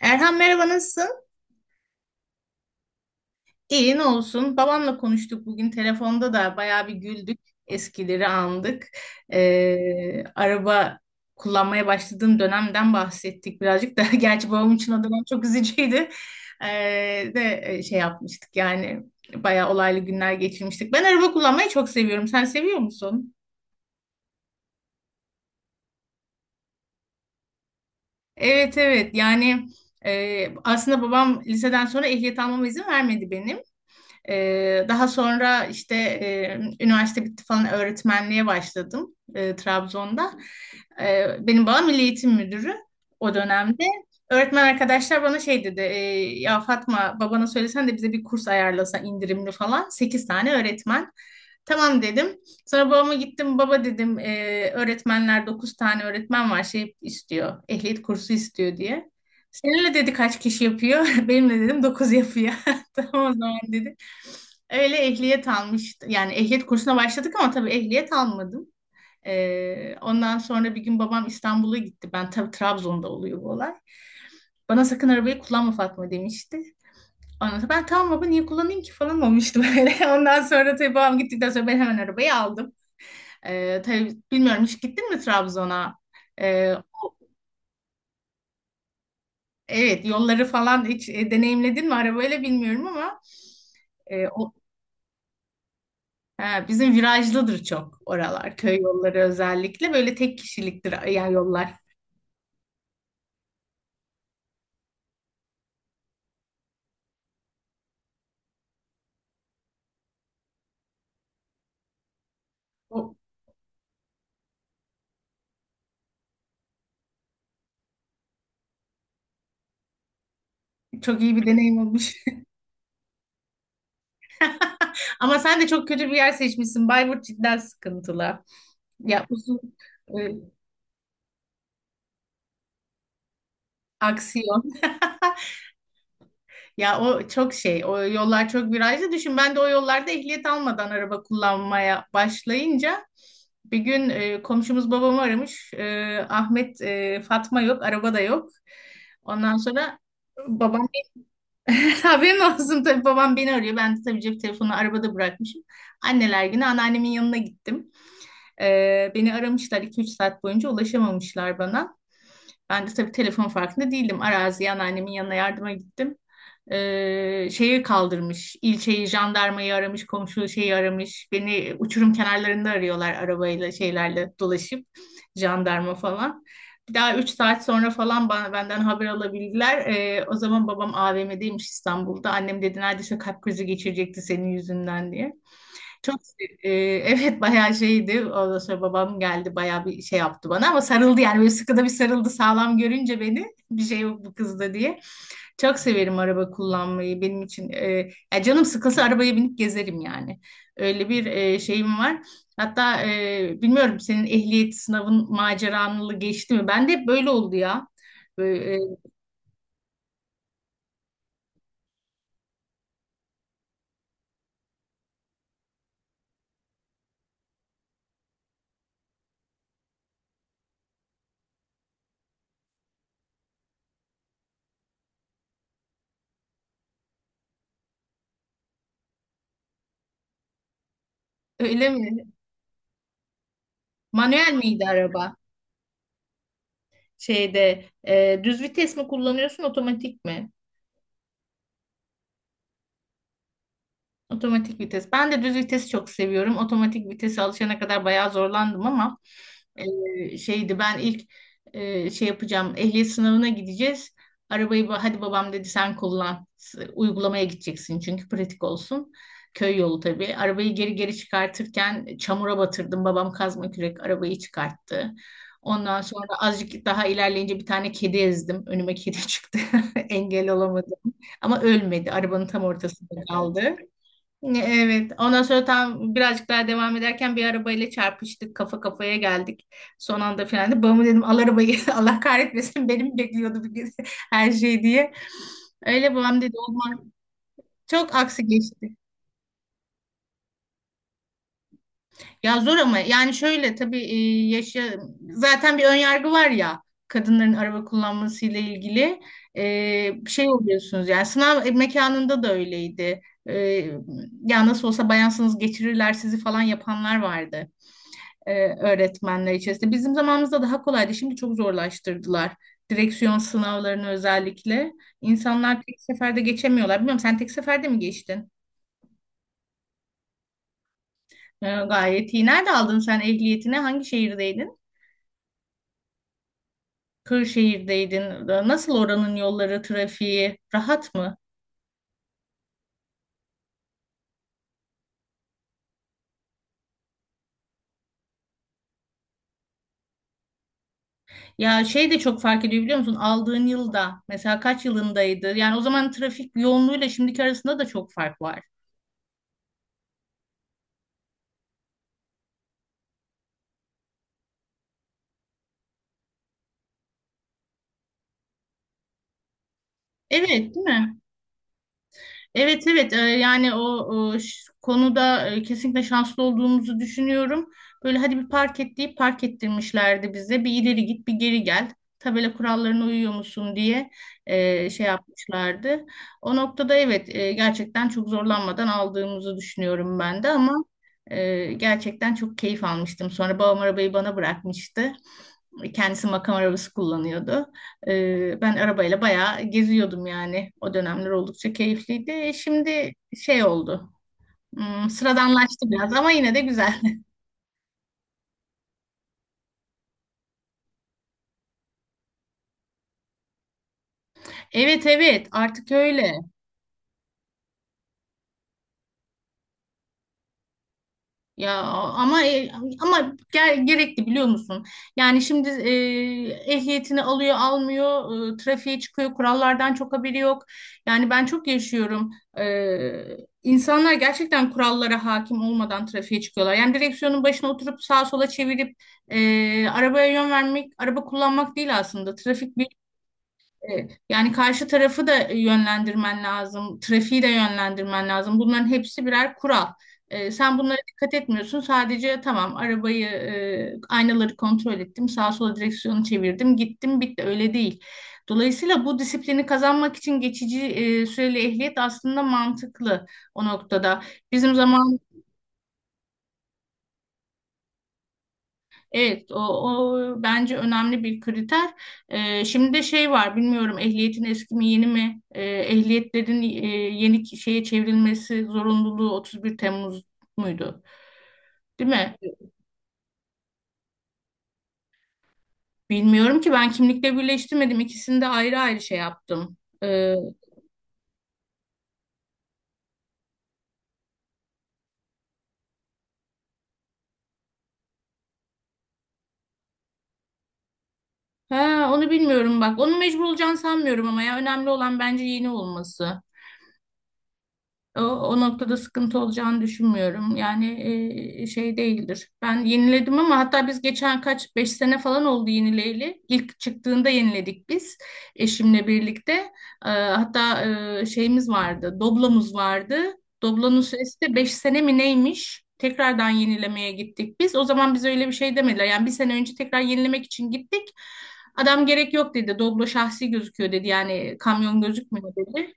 Erhan merhaba, nasılsın? İyi, ne olsun. Babamla konuştuk bugün telefonda da bayağı bir güldük. Eskileri andık. Araba kullanmaya başladığım dönemden bahsettik birazcık da. Gerçi babam için o dönem çok üzücüydü. Şey yapmıştık yani bayağı olaylı günler geçirmiştik. Ben araba kullanmayı çok seviyorum. Sen seviyor musun? Evet, evet, yani aslında babam liseden sonra ehliyet almama izin vermedi benim. Daha sonra işte üniversite bitti falan, öğretmenliğe başladım Trabzon'da. Benim babam Milli Eğitim Müdürü o dönemde. Öğretmen arkadaşlar bana şey dedi, ya Fatma, babana söylesen de bize bir kurs ayarlasa indirimli falan. 8 tane öğretmen. Tamam dedim. Sonra babama gittim. Baba dedim, öğretmenler, 9 tane öğretmen var, şey istiyor. Ehliyet kursu istiyor diye. Seninle dedi kaç kişi yapıyor? Benimle dedim 9 yapıyor. Tamam o zaman dedi. Öyle ehliyet almıştım. Yani ehliyet kursuna başladık ama tabii ehliyet almadım. Ondan sonra bir gün babam İstanbul'a gitti. Ben tabii Trabzon'da oluyor bu olay. Bana sakın arabayı kullanma Fatma demişti. Ondan sonra ben tamam baba niye kullanayım ki falan olmuştu böyle. Ondan sonra tabii babam gittikten sonra ben hemen arabayı aldım. Tabii bilmiyorum, hiç gittin mi Trabzon'a? Ee, evet, yolları falan hiç deneyimledin mi arabayla bilmiyorum ama e, o, ha, bizim virajlıdır çok oralar. Köy yolları özellikle böyle tek kişiliktir yani yollar. O çok iyi bir deneyim olmuş. Ama sen de çok kötü bir yer seçmişsin. Bayburt cidden sıkıntılı. Ya uzun e, aksiyon. Ya o çok şey. O yollar çok virajlı. Düşün, ben de o yollarda ehliyet almadan araba kullanmaya başlayınca bir gün komşumuz babamı aramış. E, Ahmet, e, Fatma yok, araba da yok. Ondan sonra babam haberin olsun, tabii babam beni arıyor. Ben de tabii cep telefonu arabada bırakmışım. Anneler günü anneannemin yanına gittim. Beni aramışlar iki üç saat boyunca, ulaşamamışlar bana. Ben de tabii telefon farkında değildim. Araziye anneannemin yanına yardıma gittim. Şeyi kaldırmış, ilçeyi, jandarmayı aramış, komşu şeyi aramış. Beni uçurum kenarlarında arıyorlar arabayla, şeylerle dolaşıp, jandarma falan. Bir daha 3 saat sonra falan bana, benden haber alabildiler. O zaman babam AVM'deymiş İstanbul'da. Annem dedi neredeyse kalp krizi geçirecekti senin yüzünden diye. Çok evet bayağı şeydi. Ondan sonra babam geldi, bayağı bir şey yaptı bana ama sarıldı yani, böyle sıkıda bir sarıldı sağlam görünce beni bir şey yok bu kızda diye. Çok severim araba kullanmayı, benim için. E, ya canım sıkılsa arabaya binip gezerim yani. Öyle bir şeyim var. Hatta bilmiyorum, senin ehliyet sınavın maceranlı geçti mi? Ben de hep böyle oldu ya. Böyle, öyle mi? Manuel miydi araba? Şeyde düz vites mi kullanıyorsun, otomatik mi? Otomatik vites. Ben de düz vitesi çok seviyorum. Otomatik vitese alışana kadar bayağı zorlandım ama şeydi, ben ilk şey yapacağım. Ehliyet sınavına gideceğiz. Hadi babam dedi sen kullan. Uygulamaya gideceksin çünkü pratik olsun. Köy yolu tabii. Arabayı geri geri çıkartırken çamura batırdım. Babam kazma kürek arabayı çıkarttı. Ondan sonra azıcık daha ilerleyince bir tane kedi ezdim. Önüme kedi çıktı. Engel olamadım. Ama ölmedi. Arabanın tam ortasında kaldı. Evet. Ondan sonra tam birazcık daha devam ederken bir arabayla çarpıştık. Kafa kafaya geldik. Son anda frenledim. Babama dedim al arabayı. Allah kahretmesin, benim bekliyordu bir gün her şey diye. Öyle babam dedi olmaz. Çok aksi geçti. Ya zor ama yani şöyle tabii e, yaşa zaten bir ön yargı var ya kadınların araba kullanmasıyla ilgili. E, bir şey oluyorsunuz yani sınav mekanında da öyleydi. E, ya nasıl olsa bayansınız geçirirler sizi falan yapanlar vardı, öğretmenler içerisinde. Bizim zamanımızda daha kolaydı. Şimdi çok zorlaştırdılar. Direksiyon sınavlarını özellikle. İnsanlar tek seferde geçemiyorlar. Bilmiyorum, sen tek seferde mi geçtin? E, gayet iyi. Nerede aldın sen ehliyetini? Hangi şehirdeydin? Kırşehir'deydin. E, nasıl oranın yolları, trafiği? Rahat mı? Ya şey de çok fark ediyor biliyor musun? Aldığın yılda, mesela kaç yılındaydı? Yani o zaman trafik yoğunluğuyla şimdiki arasında da çok fark var. Evet, değil mi? Evet, evet, yani konuda kesinlikle şanslı olduğumuzu düşünüyorum. Böyle hadi bir park et deyip park ettirmişlerdi bize. Bir ileri git bir geri gel. Tabela kurallarına uyuyor musun diye şey yapmışlardı. O noktada evet, gerçekten çok zorlanmadan aldığımızı düşünüyorum ben de ama gerçekten çok keyif almıştım. Sonra babam arabayı bana bırakmıştı. Kendisi makam arabası kullanıyordu. Ben arabayla bayağı geziyordum yani. O dönemler oldukça keyifliydi. Şimdi şey oldu. Hmm, sıradanlaştı biraz ama yine de güzel. Evet, evet, artık öyle. Ya ama e, ama ger- gerekli biliyor musun? Yani şimdi ehliyetini alıyor, almıyor, trafiğe çıkıyor, kurallardan çok haberi yok. Yani ben çok yaşıyorum. E, insanlar gerçekten kurallara hakim olmadan trafiğe çıkıyorlar. Yani direksiyonun başına oturup sağa sola çevirip arabaya yön vermek, araba kullanmak değil aslında. Yani karşı tarafı da yönlendirmen lazım, trafiği de yönlendirmen lazım. Bunların hepsi birer kural. E, sen bunlara dikkat etmiyorsun. Sadece tamam arabayı, aynaları kontrol ettim, sağa sola direksiyonu çevirdim, gittim, bitti. Öyle değil. Dolayısıyla bu disiplini kazanmak için geçici süreli ehliyet aslında mantıklı o noktada. Bizim zaman. Evet, o bence önemli bir kriter. Şimdi de şey var, bilmiyorum ehliyetin eski mi yeni mi? Ehliyetlerin yeni şeye çevrilmesi zorunluluğu 31 Temmuz muydu? Değil mi? Bilmiyorum ki ben kimlikle birleştirmedim. İkisini de ayrı ayrı şey yaptım. Ee, ha, onu bilmiyorum bak. Onu mecbur olacağını sanmıyorum ama ya önemli olan bence yeni olması. O noktada sıkıntı olacağını düşünmüyorum. Yani şey değildir. Ben yeniledim ama, hatta biz geçen kaç beş sene falan oldu yenileyli. İlk çıktığında yeniledik biz eşimle birlikte. E, hatta şeyimiz vardı, doblamız vardı. Doblanın süresi de 5 sene mi neymiş? Tekrardan yenilemeye gittik biz. O zaman bize öyle bir şey demediler. Yani bir sene önce tekrar yenilemek için gittik. Adam gerek yok dedi. Doblo şahsi gözüküyor dedi. Yani kamyon gözükmüyor dedi.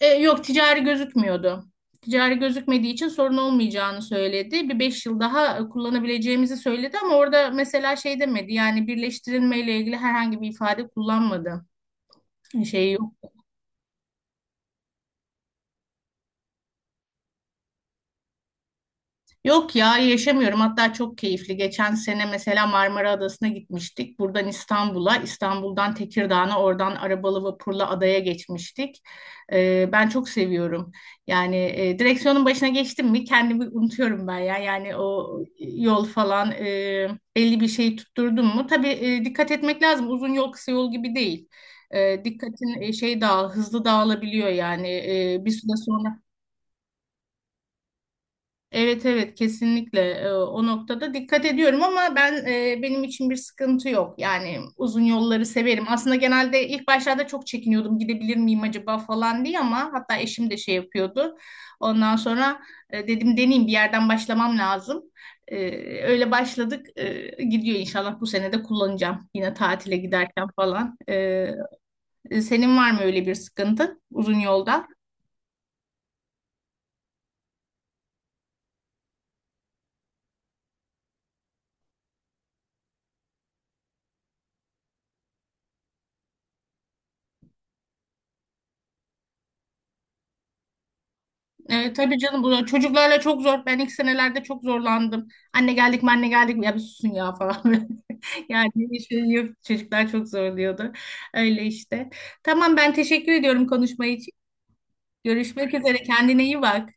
E, yok, ticari gözükmüyordu. Ticari gözükmediği için sorun olmayacağını söyledi. Bir beş yıl daha kullanabileceğimizi söyledi ama orada mesela şey demedi. Yani birleştirilmeyle ilgili herhangi bir ifade kullanmadı. Şey yok. Yok ya, yaşamıyorum. Hatta çok keyifli. Geçen sene mesela Marmara Adası'na gitmiştik. Buradan İstanbul'a, İstanbul'dan Tekirdağ'a, oradan arabalı vapurla adaya geçmiştik. Ben çok seviyorum. Yani direksiyonun başına geçtim mi kendimi unutuyorum ben ya. Yani o yol falan belli bir şey tutturdum mu? Tabii dikkat etmek lazım. Uzun yol kısa yol gibi değil. E, dikkatin şey dağıl, hızlı dağılabiliyor yani. E, bir süre sonra Evet, evet, kesinlikle. O noktada dikkat ediyorum ama ben benim için bir sıkıntı yok. Yani uzun yolları severim. Aslında genelde ilk başlarda çok çekiniyordum gidebilir miyim acaba falan diye ama hatta eşim de şey yapıyordu. Ondan sonra dedim deneyeyim, bir yerden başlamam lazım. Öyle başladık. Gidiyor, inşallah bu sene de kullanacağım yine tatile giderken falan. Senin var mı öyle bir sıkıntı uzun yolda? E, tabii canım bu çocuklarla çok zor. Ben ilk senelerde çok zorlandım. Anne geldik mi, anne geldik mi, ya bir susun ya falan. Yani bir şey yok. Çocuklar çok zorluyordu. Öyle işte. Tamam, ben teşekkür ediyorum konuşma için. Görüşmek üzere. Kendine iyi bak.